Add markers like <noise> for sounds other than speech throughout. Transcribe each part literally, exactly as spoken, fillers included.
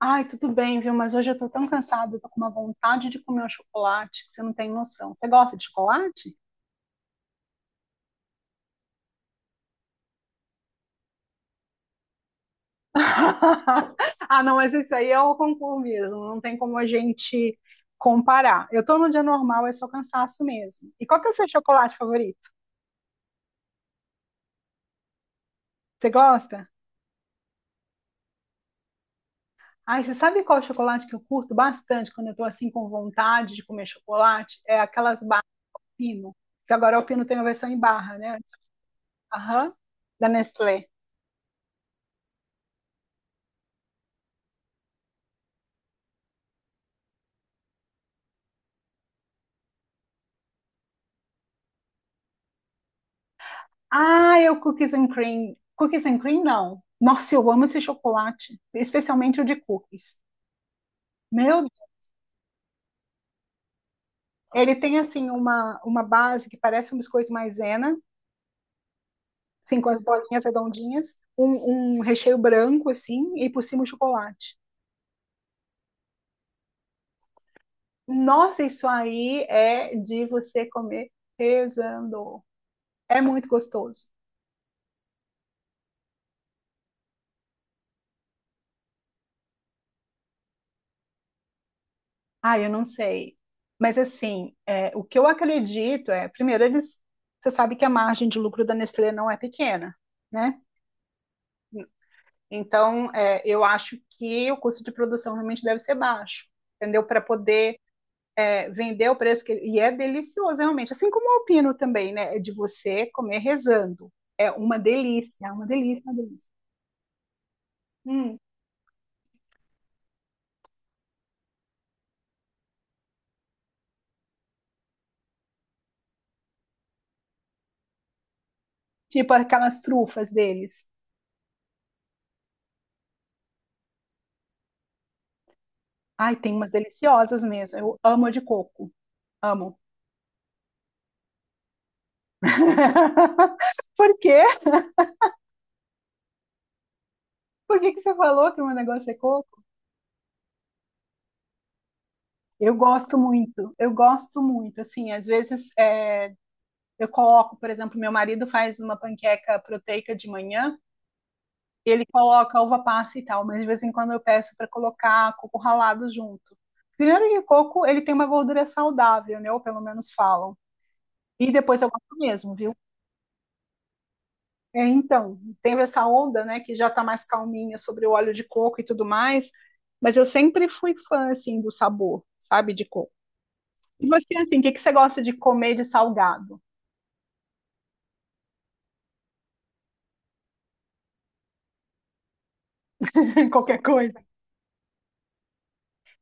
Ai, tudo bem, viu? Mas hoje eu tô tão cansada, eu tô com uma vontade de comer um chocolate que você não tem noção. Você gosta de chocolate? <laughs> Ah, não, mas isso aí é o concurso mesmo, não tem como a gente comparar. Eu tô num dia normal, é só cansaço mesmo. E qual que é o seu chocolate favorito? Você gosta? Ai, você sabe qual chocolate que eu curto bastante quando eu tô assim com vontade de comer chocolate? É aquelas barras Pino, que agora o Pino tem a versão em barra, né? Aham, da Nestlé. Ah, eu cookies and cream. Cookies and cream, não. Nossa, eu amo esse chocolate, especialmente o de cookies. Meu, Deus. Ele tem assim uma, uma base que parece um biscoito maisena, assim, com as bolinhas redondinhas, um, um recheio branco, assim, e por cima o chocolate. Nossa, isso aí é de você comer rezando. É muito gostoso. Ah, eu não sei. Mas assim, é, o que eu acredito é, primeiro, eles, você sabe que a margem de lucro da Nestlé não é pequena, né? Então, é, eu acho que o custo de produção realmente deve ser baixo, entendeu? Para poder é, vender o preço que ele, e é delicioso realmente, assim como o alpino também, né? É de você comer rezando, é uma delícia, uma delícia, uma delícia. Hum, tipo aquelas trufas deles. Ai, tem umas deliciosas mesmo. Eu amo a de coco, amo. <laughs> Por quê? Por que que você falou que o meu negócio é coco? Eu gosto muito, eu gosto muito. Assim, às vezes é, eu coloco, por exemplo, meu marido faz uma panqueca proteica de manhã, ele coloca uva passa e tal, mas de vez em quando eu peço para colocar coco ralado junto. Primeiro que o coco, ele tem uma gordura saudável, né? Ou pelo menos falam. E depois eu gosto mesmo, viu? É, então, teve essa onda, né, que já tá mais calminha sobre o óleo de coco e tudo mais, mas eu sempre fui fã, assim, do sabor, sabe, de coco. E você, assim, o que que você gosta de comer de salgado? <laughs> Qualquer coisa?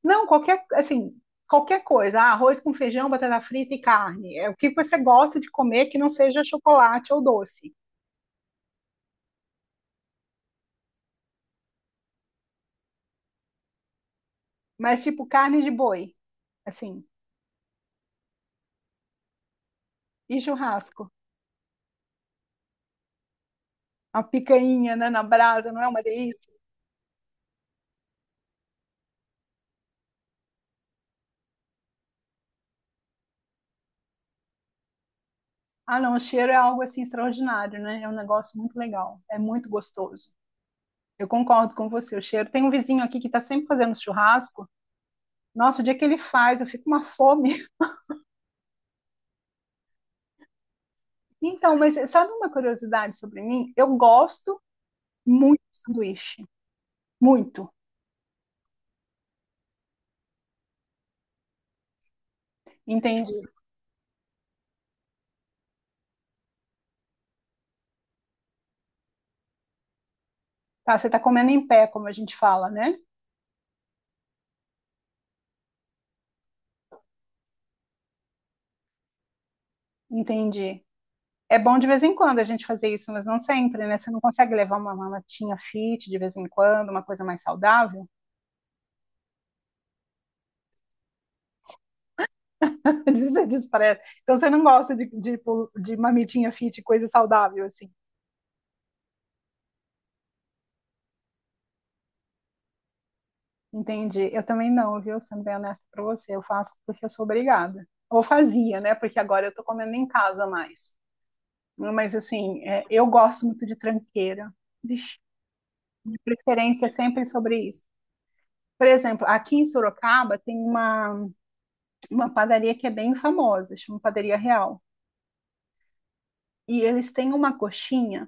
Não, qualquer, assim, qualquer coisa. Ah, arroz com feijão, batata frita e carne. É o que você gosta de comer que não seja chocolate ou doce. Mas, tipo, carne de boi, assim, e churrasco. A picanha, né, na brasa, não é uma delícia? Ah, não, o cheiro é algo assim extraordinário, né? É um negócio muito legal, é muito gostoso. Eu concordo com você, o cheiro. Tem um vizinho aqui que está sempre fazendo churrasco. Nossa, o dia que ele faz, eu fico uma fome. <laughs> Então, mas sabe uma curiosidade sobre mim? Eu gosto muito de sanduíche, muito. Entendi. Tá, você está comendo em pé, como a gente fala, né? Entendi. É bom de vez em quando a gente fazer isso, mas não sempre, né? Você não consegue levar uma, uma latinha fit de vez em quando, uma coisa mais saudável? <laughs> Você despreza. Então você não gosta de, de, tipo, de mamitinha fit, coisa saudável, assim. Entendi. Eu também não, viu? Sendo bem honesta pra você, eu faço porque eu sou obrigada. Ou fazia, né? Porque agora eu tô comendo em casa mais. Mas assim, é, eu gosto muito de tranqueira. Vixe, de preferência é sempre sobre isso. Por exemplo, aqui em Sorocaba tem uma, uma padaria que é bem famosa, chama Padaria Real. E eles têm uma coxinha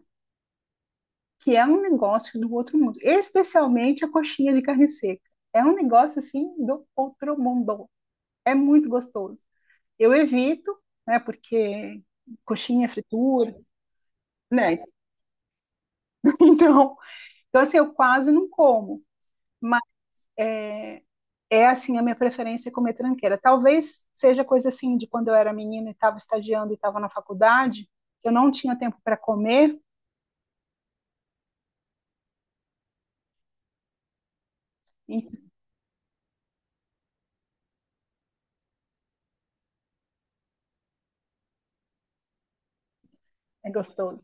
que é um negócio do outro mundo, especialmente a coxinha de carne seca. É um negócio assim do outro mundo. É muito gostoso. Eu evito, né, porque coxinha, é fritura, né? <laughs> Então, então assim, eu quase não como, mas é, é assim a minha preferência é comer tranqueira. Talvez seja coisa assim de quando eu era menina e estava estagiando e estava na faculdade, eu não tinha tempo para comer e é gostoso.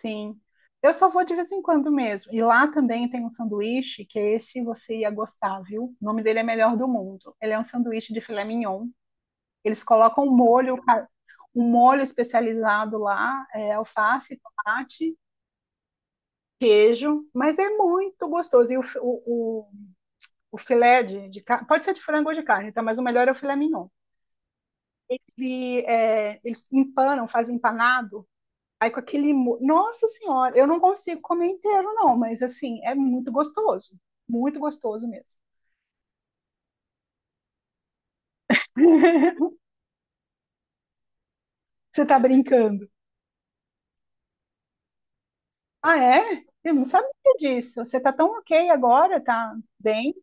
Sim. Eu só vou de vez em quando mesmo. E lá também tem um sanduíche que esse você ia gostar, viu? O nome dele é Melhor do Mundo. Ele é um sanduíche de filé mignon. Eles colocam um molho, ca- um molho especializado lá, é, alface, tomate, queijo, mas é muito gostoso. E o, fi- o, o, o filé de, de carne, pode ser de frango ou de carne, tá? Mas o melhor é o filé mignon. E é, eles empanam, fazem empanado. Aí com aquele mo- Nossa Senhora, eu não consigo comer inteiro, não, mas assim, é muito gostoso. Muito gostoso mesmo. Você tá brincando? Ah, é? Eu não sabia disso. Você tá tão ok agora, tá bem?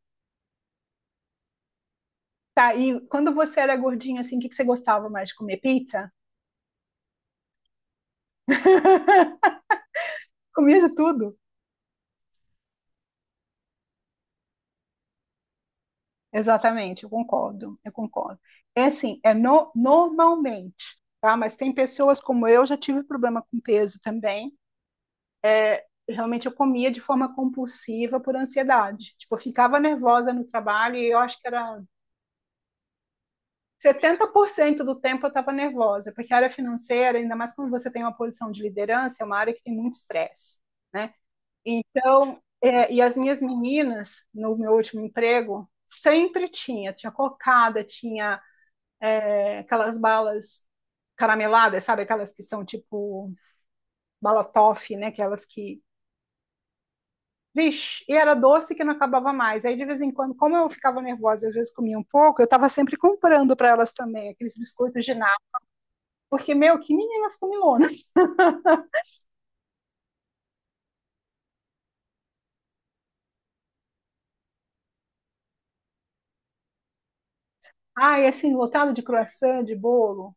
Tá, e quando você era gordinho, assim, o que que você gostava mais de comer? Pizza? Comia de tudo? Exatamente, eu concordo, eu concordo. É assim, é no- normalmente, tá? Mas tem pessoas como eu, já tive problema com peso também. Realmente eu comia de forma compulsiva por ansiedade. Tipo, eu ficava nervosa no trabalho e eu acho que era setenta por cento do tempo eu estava nervosa, porque a área financeira, ainda mais quando você tem uma posição de liderança, é uma área que tem muito estresse, né? Então, é, e as minhas meninas, no meu último emprego, sempre tinha, tinha cocada, tinha é, aquelas balas carameladas, sabe? Aquelas que são tipo bala toffee, né? Aquelas que vixe, e era doce que não acabava mais. Aí, de vez em quando, como eu ficava nervosa, às vezes comia um pouco, eu estava sempre comprando para elas também aqueles biscoitos de nata. Porque, meu, que meninas comilonas. <laughs> Ai, assim, lotado de croissant, de bolo,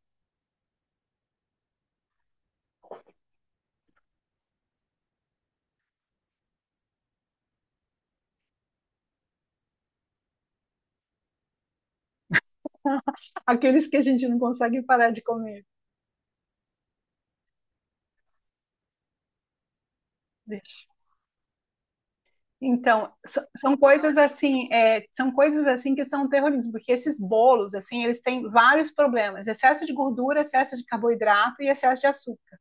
aqueles que a gente não consegue parar de comer. Vixe. Então, so- são coisas assim, é, são coisas assim que são terrorismo, porque esses bolos, assim, eles têm vários problemas: excesso de gordura, excesso de carboidrato e excesso de açúcar.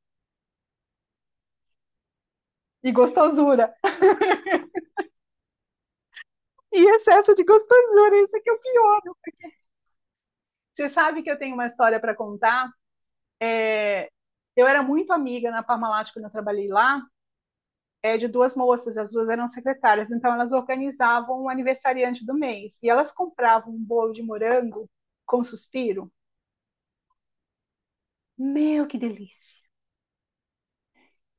E gostosura. E excesso de gostosura, isso que é o pior. Você sabe que eu tenho uma história para contar? Eu era muito amiga na Parmalat quando eu trabalhei lá, é, de duas moças, as duas eram secretárias, então elas organizavam o aniversariante do mês e elas compravam um bolo de morango com suspiro. Meu, que delícia!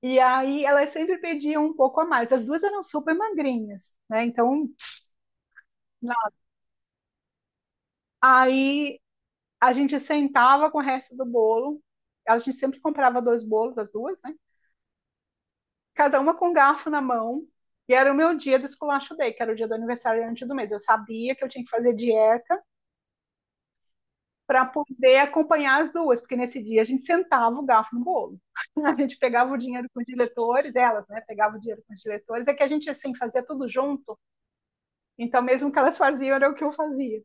E aí elas sempre pediam um pouco a mais. As duas eram super magrinhas, né? Então, aí a gente sentava com o resto do bolo. A gente sempre comprava dois bolos, as duas, né? Cada uma com um garfo na mão. E era o meu dia do esculacho day, que era o dia do aniversariante do mês. Eu sabia que eu tinha que fazer dieta para poder acompanhar as duas, porque nesse dia a gente sentava o garfo no bolo. <laughs> A gente pegava o dinheiro com os diretores, elas, né, pegavam o dinheiro com os diretores, é que a gente, assim, fazia tudo junto, então mesmo que elas faziam, era o que eu fazia.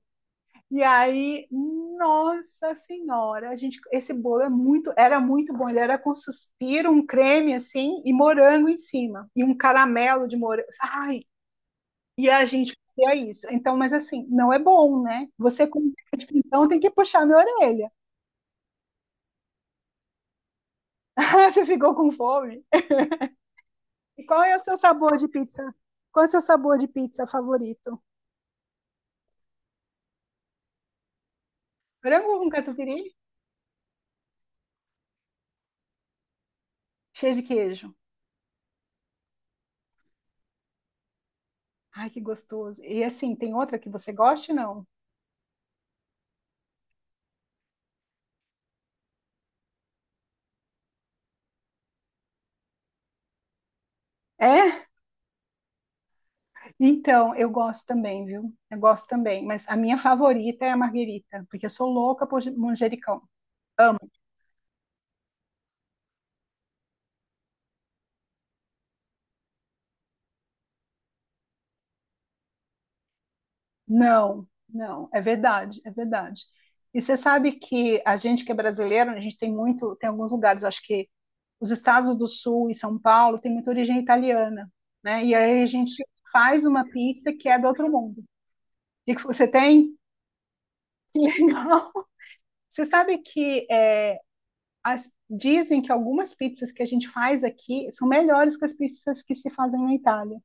E aí, nossa senhora, a gente, esse bolo é muito, era muito bom, ele era com suspiro, um creme, assim, e morango em cima, e um caramelo de morango, ai, e a gente fazia isso. Então, mas assim, não é bom, né? Você com tipo, então tem que puxar minha orelha. <laughs> Você ficou com fome? E qual é o seu sabor de pizza? Qual é o seu sabor de pizza favorito? Frango com catupiry? Cheio de queijo. Ai, que gostoso. E assim, tem outra que você goste, não? É? Então, eu gosto também, viu? Eu gosto também. Mas a minha favorita é a marguerita, porque eu sou louca por manjericão. Não, não, é verdade, é verdade. E você sabe que a gente que é brasileiro, né, a gente tem muito, tem alguns lugares, acho que os estados do Sul e São Paulo tem muita origem italiana, né? E aí a gente faz uma pizza que é do outro mundo. E que você tem? Que legal! <laughs> Você sabe que é, as- dizem que algumas pizzas que a gente faz aqui são melhores que as pizzas que se fazem na Itália.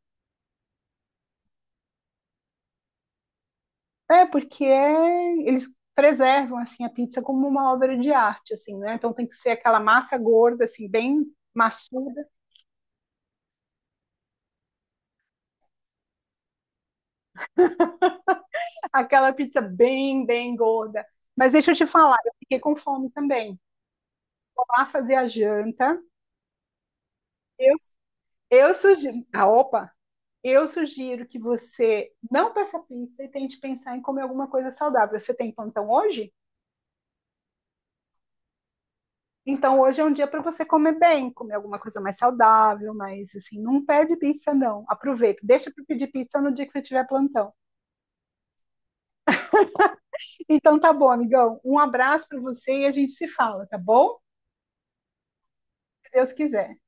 É, porque é- eles preservam assim a pizza como uma obra de arte, assim, né? Então tem que ser aquela massa gorda, assim, bem maçuda, aquela pizza bem, bem gorda. Mas deixa eu te falar, eu fiquei com fome também. Vou lá fazer a janta. Eu, eu sugiro, ah, opa, eu sugiro que você não peça pizza e tente pensar em comer alguma coisa saudável. Você tem plantão hoje? Então hoje é um dia para você comer bem, comer alguma coisa mais saudável, mas assim, não pede pizza não. Aproveita, deixa para pedir pizza no dia que você tiver plantão. Então tá bom, amigão. Um abraço para você e a gente se fala, tá bom? Se Deus quiser.